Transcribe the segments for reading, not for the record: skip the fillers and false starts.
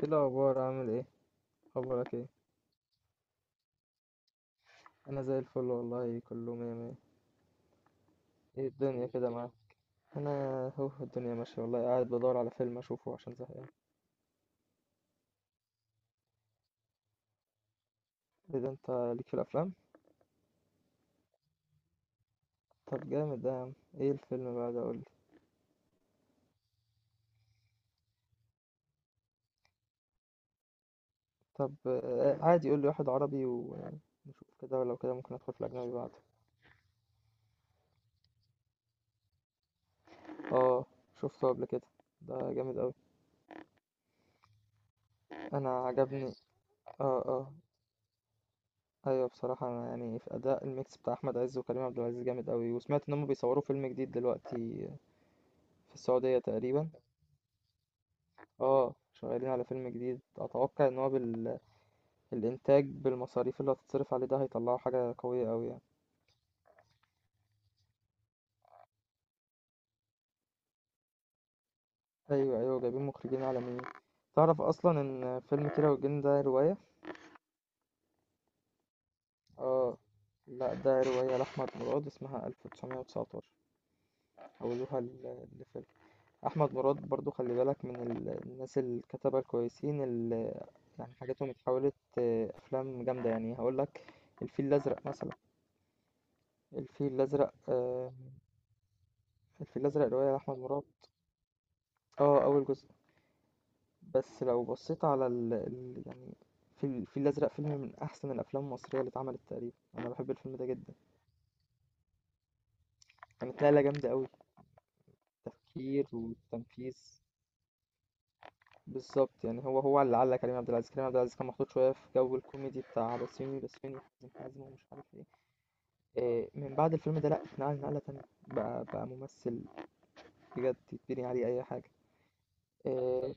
ايه الاخبار عامل ايه؟ اخبارك ايه؟ انا زي الفل والله، كله مية مية. ايه الدنيا كده معاك؟ انا اهو الدنيا ماشيه والله، قاعد بدور على فيلم اشوفه عشان زهقان. ايه ده، انت ليك في الافلام؟ طب جامد ده يا عم، ايه الفيلم بقى ده قولي. طب عادي قولي واحد عربي ونشوف كده، ولو كده ممكن ادخل في الاجنبي بعد. اه شفته قبل كده، ده جامد قوي، انا عجبني. اه اه. ايوه بصراحه، انا يعني في اداء الميكس بتاع احمد عز وكريم عبد العزيز جامد قوي، وسمعت ان هم بيصوروا فيلم جديد دلوقتي في السعودية تقريبا. اه شغالين على فيلم جديد، اتوقع ان هو الانتاج بالمصاريف اللي هتتصرف عليه ده هيطلعوا حاجة قوية قوي يعني. ايوه ايوه جايبين مخرجين عالميين. تعرف اصلا ان فيلم كيرة والجن ده رواية؟ اه لا، ده رواية لأحمد مراد اسمها 1919، حولوها لفيلم. أحمد مراد برضو خلي بالك من الناس الكتبة الكويسين اللي يعني حاجاتهم اتحولت أفلام جامدة، يعني هقولك الفيل الأزرق مثلا. الفيل الأزرق الفيل الأزرق رواية لأحمد مراد. اه أول جزء. بس لو بصيت على يعني في الفيل الأزرق، فيلم من أحسن الأفلام المصرية اللي اتعملت تقريبا، أنا بحب الفيلم ده جدا. كانت نقلة جامدة أوي، تفكير وتنفيذ. بالظبط يعني هو هو اللي علق كريم عبد العزيز. كريم عبد العزيز كان محطوط شوية في جو الكوميدي بتاع بسيوني بسيوني حازم حازم ومش عارف ايه. من بعد الفيلم ده لأ، اتنقل نقلة تانية، بقى ممثل بجد يتبني عليه أي حاجة. إيه،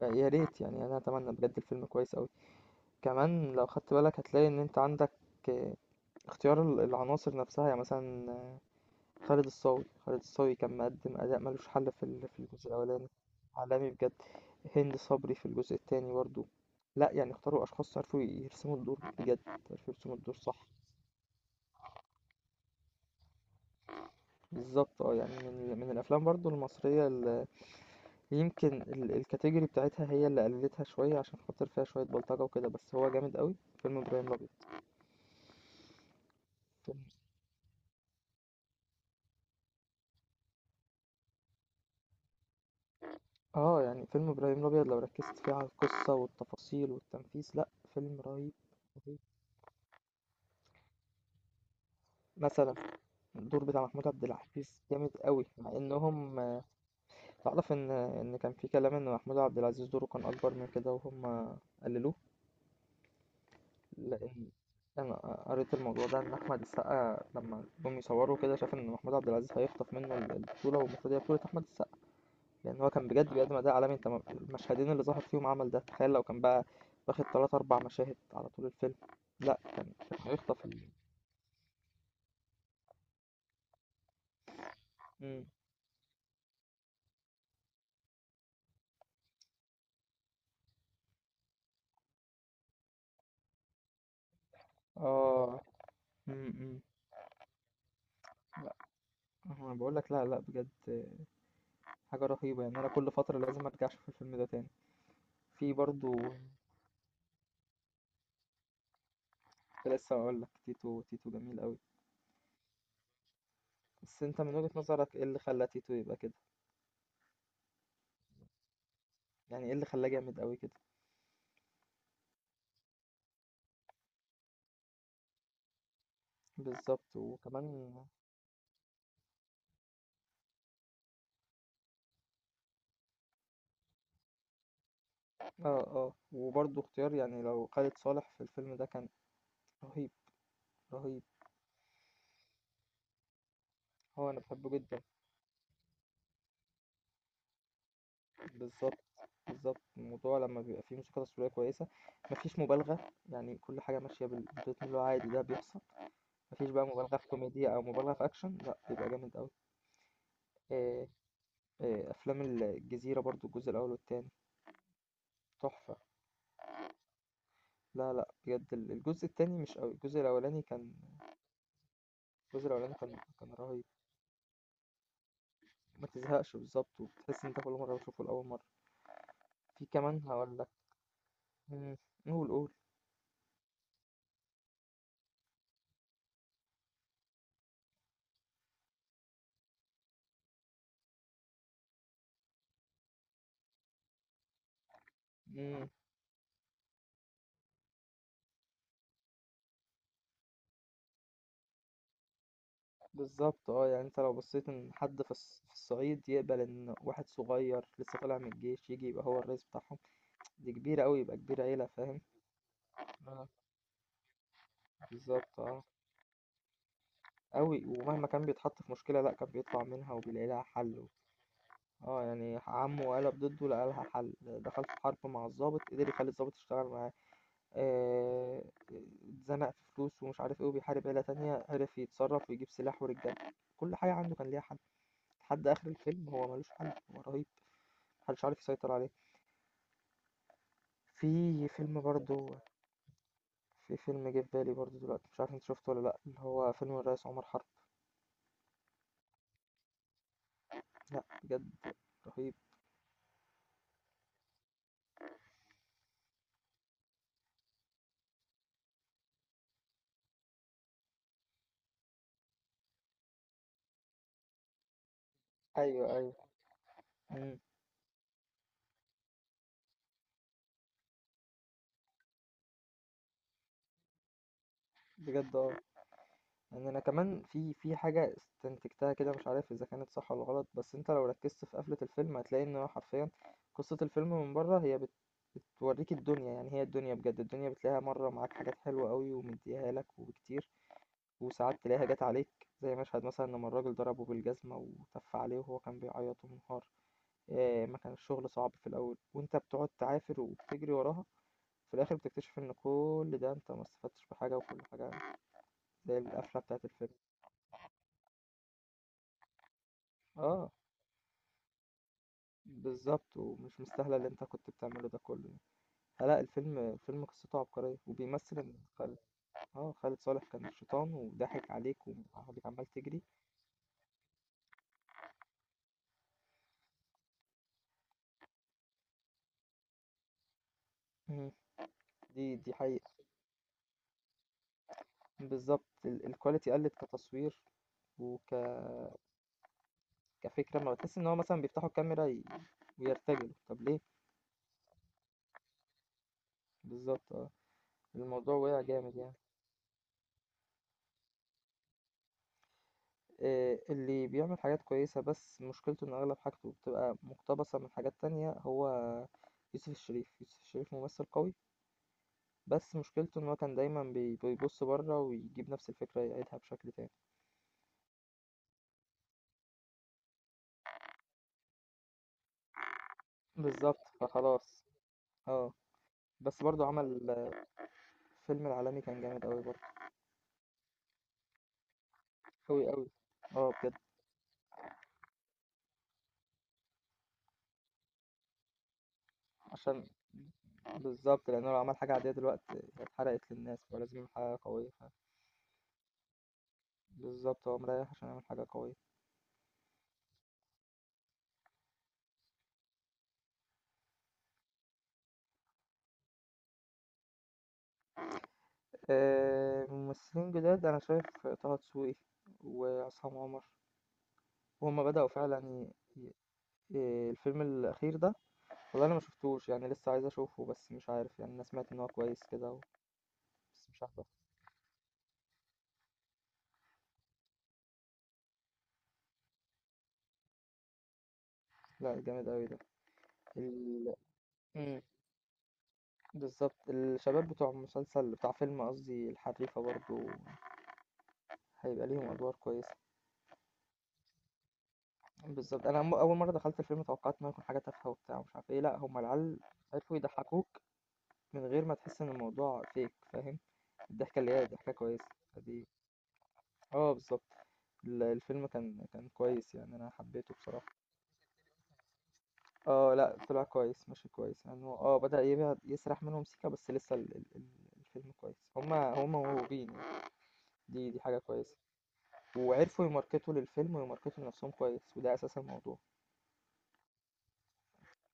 بقى يا ريت يعني، أنا أتمنى بجد الفيلم كويس أوي. كمان لو خدت بالك هتلاقي ان انت عندك آه، اختيار العناصر نفسها، يعني مثلا خالد الصاوي. خالد الصاوي كان مقدم اداء ملوش حل في في الجزء الاولاني. عالمي بجد. هند صبري في الجزء التاني برضو، لا يعني اختاروا اشخاص عرفوا يرسموا الدور بجد، عرفوا يرسموا الدور صح. بالظبط اه، يعني من من الافلام برضو المصريه اللي يمكن الكاتيجوري بتاعتها هي اللي قللتها شويه عشان خاطر فيها شويه بلطجه وكده، بس هو جامد قوي، فيلم ابراهيم الابيض. اه يعني فيلم ابراهيم الابيض لو ركزت فيه على القصه والتفاصيل والتنفيذ، لا فيلم رهيب، رهيب. مثلا الدور بتاع محمود عبد العزيز جامد قوي، مع انهم تعرف ان كان في كلام ان محمود عبد العزيز دوره كان اكبر من كده وهم قللوه. لان انا قريت الموضوع ده، ان احمد السقا لما جم يصوروا كده شاف ان محمود عبد العزيز هيخطف منه البطوله، والمفروض هي بطوله احمد السقا، لان هو كان بجد بيقدم اداء عالمي. انت المشهدين اللي ظهر فيهم عمل ده، تخيل لو كان بقى واخد تلات اربع مشاهد على طول الفيلم، لا كان هيخطف مم. اه. مم. مم. لا انا بقول لك، لا لا بجد حاجه رهيبه، يعني انا كل فتره لازم ارجع اشوف الفيلم ده تاني. في برضو، كنت لسه اقول لك تيتو، تيتو جميل قوي. بس انت من وجهة نظرك ايه اللي خلى تيتو يبقى كده؟ يعني ايه اللي خلاه جامد قوي كده؟ بالظبط وكمان. اه اه، وبرضو اختيار، يعني لو خالد صالح في الفيلم ده كان رهيب، رهيب. هو أنا باحبه جدًا، بالضبط، بالضبط. الموضوع لمّا بيبقى فيه موسيقى تصويرية كويسة، ما فيش مُبالغة، يعني كل حاجة ماشية بالريتم اللي هو عادي ده بيحصل، ما فيش بقى مُبالغة في كوميديا أو مُبالغة في أكشن، لأ بيبقى جامد أوي. آآ، أفلام الجزيرة برضه، الجزء الأول والتاني تحفة. لا، لأ بجد الجزء التاني مش أوي، الجزء الأولاني كان، الجزء الأولاني كان رهيب. ما تزهقش بالضبط، وبتحس إن أنت كل مرة بتشوفه لأول مرة. في كمان هاقول لك، إمم، قُل، قُل. إمم. بالظبط اه، يعني انت لو بصيت ان حد في في الصعيد يقبل ان واحد صغير لسه طالع من الجيش يجي يبقى هو الرئيس بتاعهم، دي كبيرة قوي، يبقى كبير عيلة فاهم. آه. بالظبط اه، قوي ومهما كان بيتحط في مشكلة لا كان بيطلع منها وبيلاقي لها حل. اه يعني عمه قلب ضده لقى لها حل، دخل في حرب مع الضابط قدر يخلي الضابط يشتغل معاه. آه، اتزنق في فلوس ومش عارف ايه، وبيحارب عيلة تانية عرف يتصرف ويجيب سلاح ورجاله، كل حاجة عنده كان ليها حل. لحد آخر الفيلم هو مالوش حل، هو رهيب، محدش عارف يسيطر عليه. في فيلم برضه، في فيلم جه في بالي برضه دلوقتي، مش عارف انت شفته ولا لأ، اللي هو فيلم الرئيس عمر حرب. لأ بجد رهيب. ايوه ايوه. مم. بجد اه، يعني انا كمان في حاجه استنتجتها كده، مش عارف اذا كانت صح ولا غلط، بس انت لو ركزت في قفله الفيلم هتلاقي ان هو حرفيا قصه الفيلم من بره هي بتوريك الدنيا، يعني هي الدنيا بجد، الدنيا بتلاقيها مره معاك حاجات حلوه قوي ومديها لك وكتير، وساعات تلاقيها جات عليك. زي مشهد مثلا لما الراجل ضربه بالجزمة وتف عليه وهو كان بيعيط ومنهار. ما كان الشغل صعب في الأول وأنت بتقعد تعافر وبتجري وراها، في الآخر بتكتشف إن كل ده أنت ما استفدتش بحاجة، وكل حاجة زي القفلة بتاعة الفيلم. اه. بالظبط، ومش مستاهلة اللي أنت كنت بتعمله ده كله يعني. لا الفيلم، الفيلم قصته عبقرية، وبيمثل إن خالد، اه خالد صالح كان الشيطان وضحك عليك وعمال عمال تجري. مم. دي دي حقيقة. بالظبط، الكواليتي قلت كتصوير، و كفكرة، ما بتحس إن هو مثلا بيفتحوا الكاميرا ويرتجلوا، طب ليه؟ بالظبط اه، الموضوع وقع جامد يعني. اللي بيعمل حاجات كويسة بس مشكلته إن أغلب حاجته بتبقى مقتبسة من حاجات تانية، هو يوسف الشريف. ممثل قوي، بس مشكلته إن هو كان دايما بيبص بره ويجيب نفس الفكرة يعيدها بشكل تاني. بالظبط فخلاص. اه. بس برضو عمل فيلم العالمي كان جامد أوي برضو، أوي أوي. اه بجد. عشان. بالضبط، لأنه لو عمل حاجة عادية دلوقتي هي اتحرقت للناس، فلازم يعمل حاجة قوية. ف بالضبط، هو مريّح عشان يعمل حاجة قوية. ممثلين جداد أنا شايف طه دسوقي وعصام عمر، وهُم بدأوا فعلًا ي ي الفيلم الأخير ده، والله أنا ما شُفتوش، يعني لسه عايز أشوفه، بس مش عارف يعني، أنا سمعت إن هو كويس كده، و بس مش عارف أحضر. لأ جامد أوي ده. ال إمم، بالضبط، الشباب بتوع مسلسل، بتاع فيلم قصدي الحريفة برضه هيبقى ليهم أدوار كويسة. بالضبط. أنا أول مرّة دخلت الفيلم توقّعت إن هو هيكون حاجة تافهة وبتاع ومش عارف إيه، لأ هم العيال عرفوا يضحّكوك من غير ما تحس إن الموضوع fake فاهم، الضحكة اللي هي ضحكة كويسة، فدي آه بالضبط. الفيلم كان كويس يعني أنا حبيته بصراحة. آه لأ طلع كويس، ماشي كويس، يعني هو آه بدأ يبعد يسرح منهم سيكة، بس لسه ال ال ال الفيلم كويس. هم هم موهوبين يعني، دي دي حاجة كويسة. وعرفوا يماركتوا للفيلم ويماركتوا لنفسهم كويس، وده أساس الموضوع.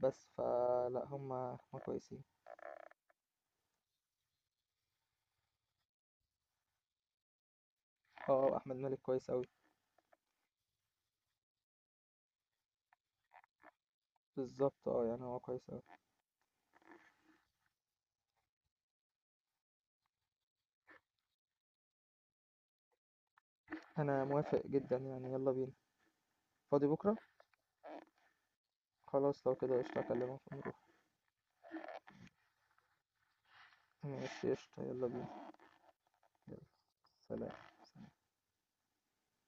بس فلأ هم هم كويسين. آه، آه، أحمد مالك كويس أوي. بالضبط آه، يعني هو كويس أوي. أنا موافق جدًا يعني، يلا بينا. فاضي بكرة؟ خلاص لو كده قشطة، أكلمك ونروح. ماشي قشطة، يلا بينا، يلا، سلام.